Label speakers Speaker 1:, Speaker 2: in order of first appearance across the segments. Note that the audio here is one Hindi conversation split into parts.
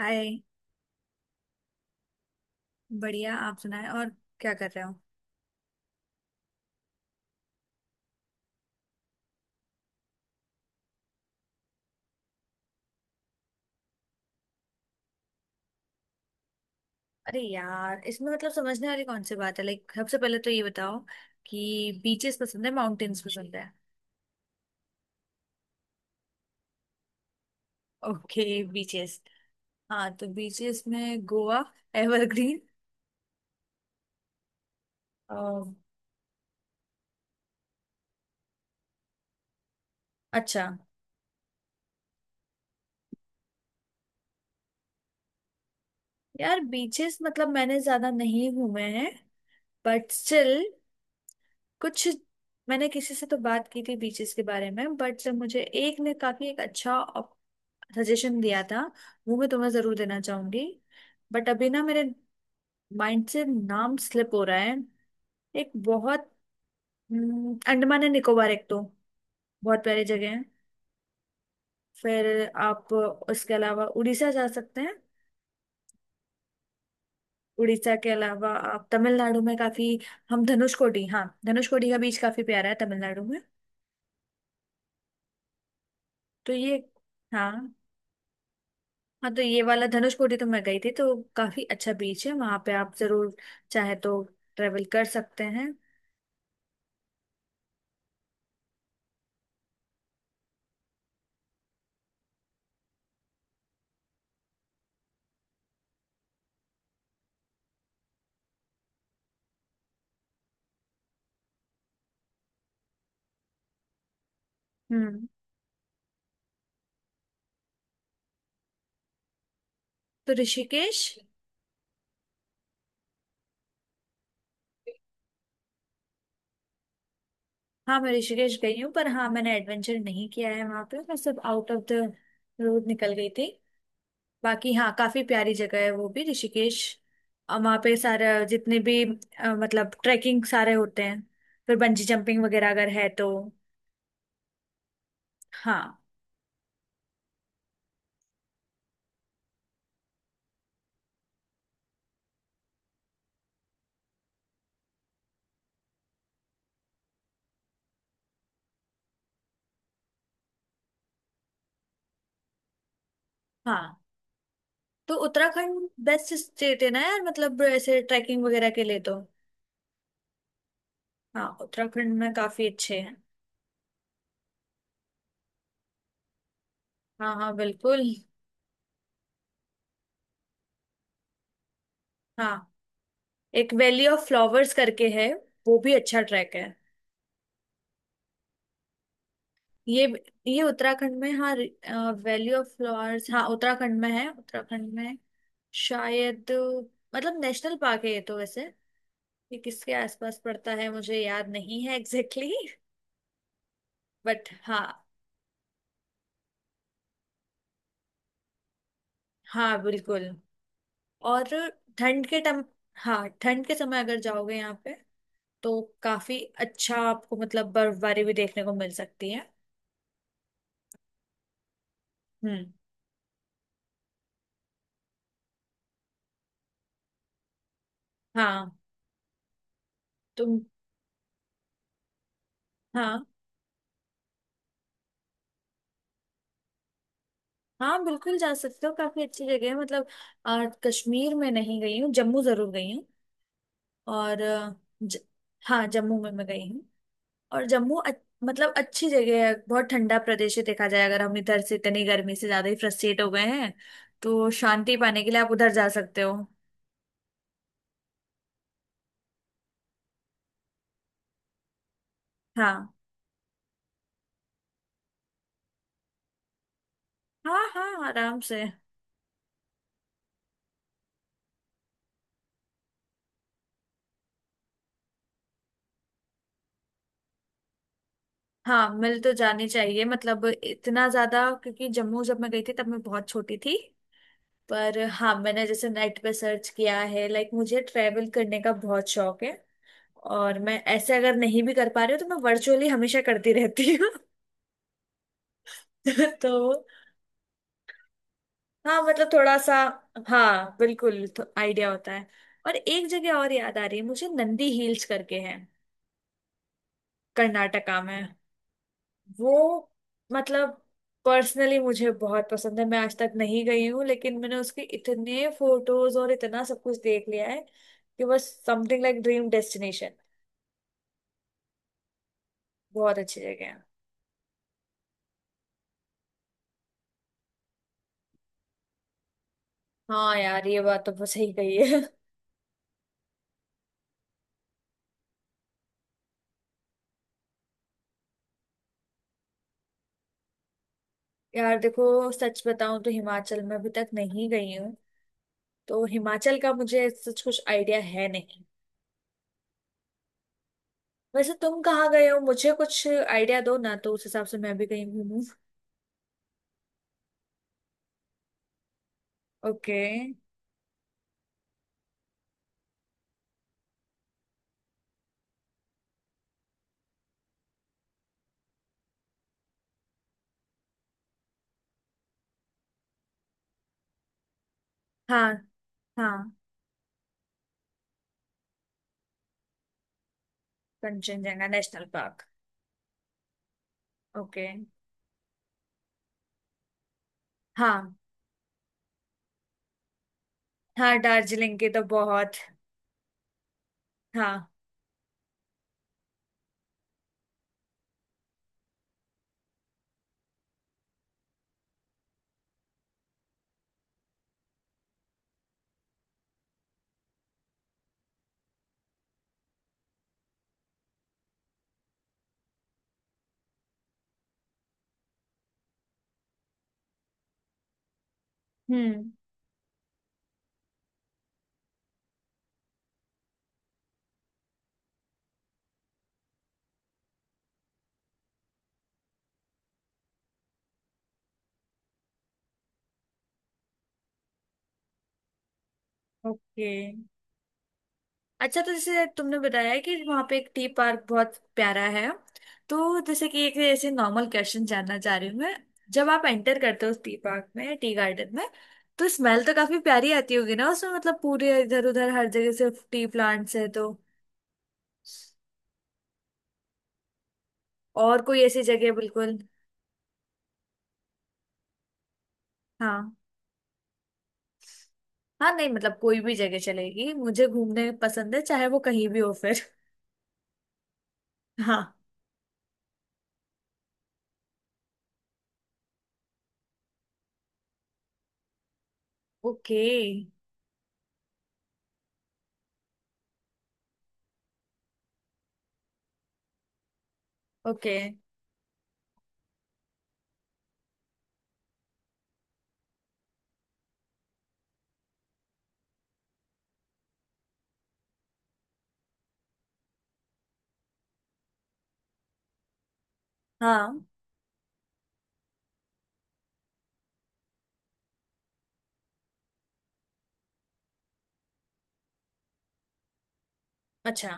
Speaker 1: हाय। बढ़िया, आप सुनाए और क्या कर रहे हो? अरे यार, इसमें मतलब समझने वाली कौन सी बात है। लाइक सबसे पहले तो ये बताओ कि बीचेस पसंद है, माउंटेन्स पसंद है? Okay, beaches. हाँ, तो बीचेस में गोवा एवरग्रीन। अम, अच्छा, यार बीचेस मतलब मैंने ज्यादा नहीं घूमे हैं, बट स्टिल कुछ। मैंने किसी से तो बात की थी बीचेस के बारे में, बट जब मुझे एक ने काफी एक अच्छा सजेशन दिया था, वो मैं तुम्हें जरूर देना चाहूंगी। बट अभी ना मेरे माइंड से नाम स्लिप हो रहा है। एक बहुत अंडमान एंड निकोबार एक तो बहुत प्यारी जगह है। फिर आप उसके अलावा उड़ीसा जा सकते हैं। उड़ीसा के अलावा आप तमिलनाडु में काफी हम धनुषकोडी, हाँ धनुषकोडी का बीच काफी प्यारा है तमिलनाडु में। तो ये, हाँ, हाँ तो ये वाला धनुषकोडी तो मैं गई थी, तो काफी अच्छा बीच है वहां पे, आप जरूर चाहे तो ट्रेवल कर सकते हैं। हम्म। तो ऋषिकेश। हाँ मैं ऋषिकेश गई हूँ, पर हाँ मैंने एडवेंचर नहीं किया है वहां पे, मैं सब आउट ऑफ द रोड निकल गई थी। बाकी हाँ, काफी प्यारी जगह है वो भी ऋषिकेश, और वहाँ पे सारा जितने भी मतलब ट्रैकिंग सारे होते हैं, फिर बंजी जंपिंग वगैरह अगर है तो। हाँ। हाँ तो उत्तराखंड बेस्ट स्टेट है ना यार, मतलब ऐसे ट्रैकिंग वगैरह के लिए तो। हाँ उत्तराखंड में काफी अच्छे हैं। हाँ, हाँ बिल्कुल। हाँ, एक वैली ऑफ फ्लावर्स करके है, वो भी अच्छा ट्रैक है। ये ये उत्तराखंड में हाँ। वैली ऑफ फ्लावर्स हाँ उत्तराखंड में है, उत्तराखंड में शायद। मतलब नेशनल पार्क है ये तो वैसे। ये किसके आसपास पड़ता है मुझे याद नहीं है एग्जैक्टली exactly। बट हाँ। हाँ बिल्कुल। और ठंड के टम हाँ, ठंड के समय अगर जाओगे यहाँ पे तो काफी अच्छा, आपको मतलब बर्फबारी भी देखने को मिल सकती है। हम्म। हाँ तुम, हाँ हाँ बिल्कुल जा सकते हो, काफी अच्छी जगह है। मतलब कश्मीर में नहीं गई हूँ, जम्मू जरूर गई हूँ। और ज, हाँ जम्मू में मैं गई हूँ। और जम्मू मतलब अच्छी जगह है, बहुत ठंडा प्रदेश है। देखा जाए अगर हम इधर से इतनी गर्मी से ज्यादा ही फ्रस्ट्रेट हो गए हैं, तो शांति पाने के लिए आप उधर जा सकते हो। हाँ, हाँ हाँ आराम से। हाँ मिल तो जानी चाहिए, मतलब इतना ज्यादा क्योंकि जम्मू जब मैं गई थी तब मैं बहुत छोटी थी। पर हाँ मैंने जैसे नेट पे सर्च किया है, लाइक मुझे ट्रैवल करने का बहुत शौक है, और मैं ऐसे अगर नहीं भी कर पा रही हूँ तो मैं वर्चुअली हमेशा करती रहती हूँ। तो हाँ, मतलब थोड़ा सा। हाँ बिल्कुल, तो आइडिया होता है। और एक जगह और याद आ रही है मुझे, नंदी हिल्स करके है कर्नाटका में। वो मतलब पर्सनली मुझे बहुत पसंद है, मैं आज तक नहीं गई हूँ, लेकिन मैंने उसके इतने फोटोज और इतना सब कुछ देख लिया है कि बस समथिंग लाइक ड्रीम डेस्टिनेशन। बहुत अच्छी जगह है। हाँ यार ये बात तो बहुत सही कही है। यार देखो, सच बताऊं तो हिमाचल में अभी तक नहीं गई हूँ, तो हिमाचल का मुझे सच कुछ आइडिया है नहीं। वैसे तुम कहाँ गए हो, मुझे कुछ आइडिया दो ना, तो उस हिसाब से मैं भी कहीं घूमूं। ओके। हाँ। हाँ। Kanchenjunga national park. ओके। हाँ। हाँ दार्जिलिंग के तो बहुत। हाँ। हम्म। ओके। अच्छा तो जैसे तुमने बताया कि वहां पे एक टी पार्क बहुत प्यारा है, तो जैसे कि एक ऐसे नॉर्मल क्वेश्चन जानना चाह रही हूँ मैं। जब आप एंटर करते हो उस टी पार्क में, टी गार्डन में, तो स्मेल तो काफी प्यारी आती होगी ना उसमें, मतलब पूरे इधर उधर हर जगह सिर्फ टी प्लांट्स है तो। और कोई ऐसी जगह बिल्कुल। हाँ, हाँ नहीं मतलब कोई भी जगह चलेगी, मुझे घूमने पसंद है चाहे वो कहीं भी हो फिर। हाँ। ओके। ओके। हाँ। अच्छा।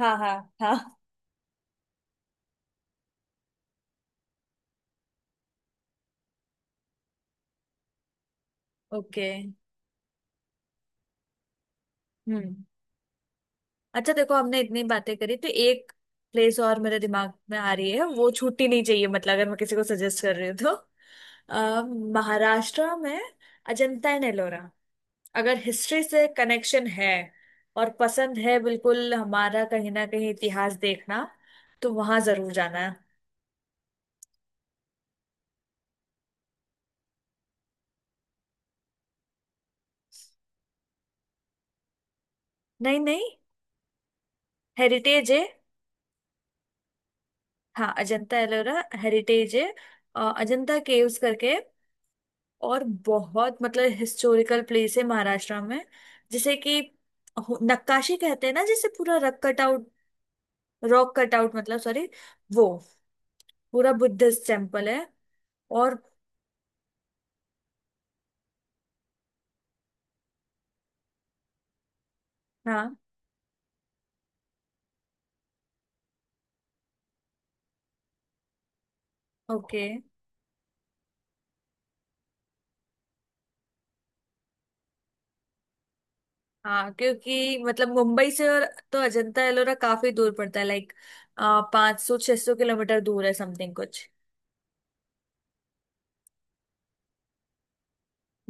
Speaker 1: हाँ, हाँ, हाँ। ओके। हम्म। अच्छा देखो, हमने इतनी बातें करी तो एक प्लेस और मेरे दिमाग में आ रही है, वो छुट्टी नहीं चाहिए मतलब, अगर मैं किसी को सजेस्ट कर रही हूँ तो अ, महाराष्ट्र में अजंता एंड एलोरा। अगर हिस्ट्री से कनेक्शन है और पसंद है बिल्कुल, हमारा कहीं ना कहीं इतिहास देखना, तो वहां जरूर जाना है। नहीं नहीं, हेरिटेज है। हाँ अजंता एलोरा हेरिटेज है। अजंता केव्स करके, और बहुत मतलब हिस्टोरिकल प्लेस है महाराष्ट्र में, जिसे कि नक्काशी कहते हैं ना जिसे, पूरा rock cut out rock cut out मतलब, सॉरी। वो पूरा बुद्धिस्ट टेम्पल है, और हाँ। ओके। हाँ क्योंकि मतलब मुंबई से, और तो अजंता एलोरा काफी दूर पड़ता है लाइक, 500 600 किलोमीटर दूर है समथिंग कुछ।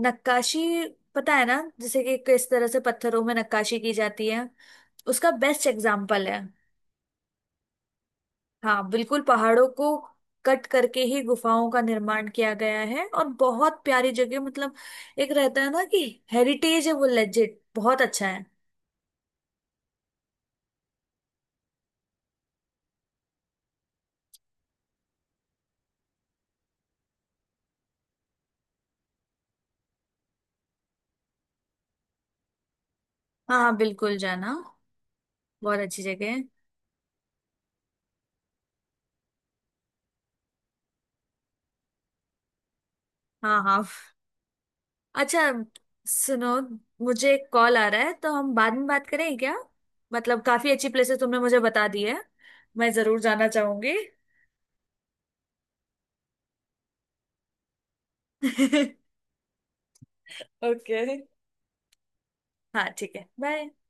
Speaker 1: नक्काशी, पता है ना जैसे कि किस तरह से पत्थरों में नक्काशी की जाती है, उसका बेस्ट एग्जाम्पल है। हाँ बिल्कुल, पहाड़ों को कट करके ही गुफाओं का निर्माण किया गया है, और बहुत प्यारी जगह मतलब। एक रहता है ना कि हेरिटेज है, वो लेजिट बहुत अच्छा है। हाँ हाँ बिल्कुल जाना, बहुत अच्छी जगह है। हाँ हाँ। अच्छा सुनो, मुझे एक कॉल आ रहा है तो हम बाद में बात करें क्या? मतलब काफी अच्छी प्लेसेस तुमने मुझे बता दी है, मैं जरूर जाना चाहूंगी। ओके। हाँ ठीक है, बाय।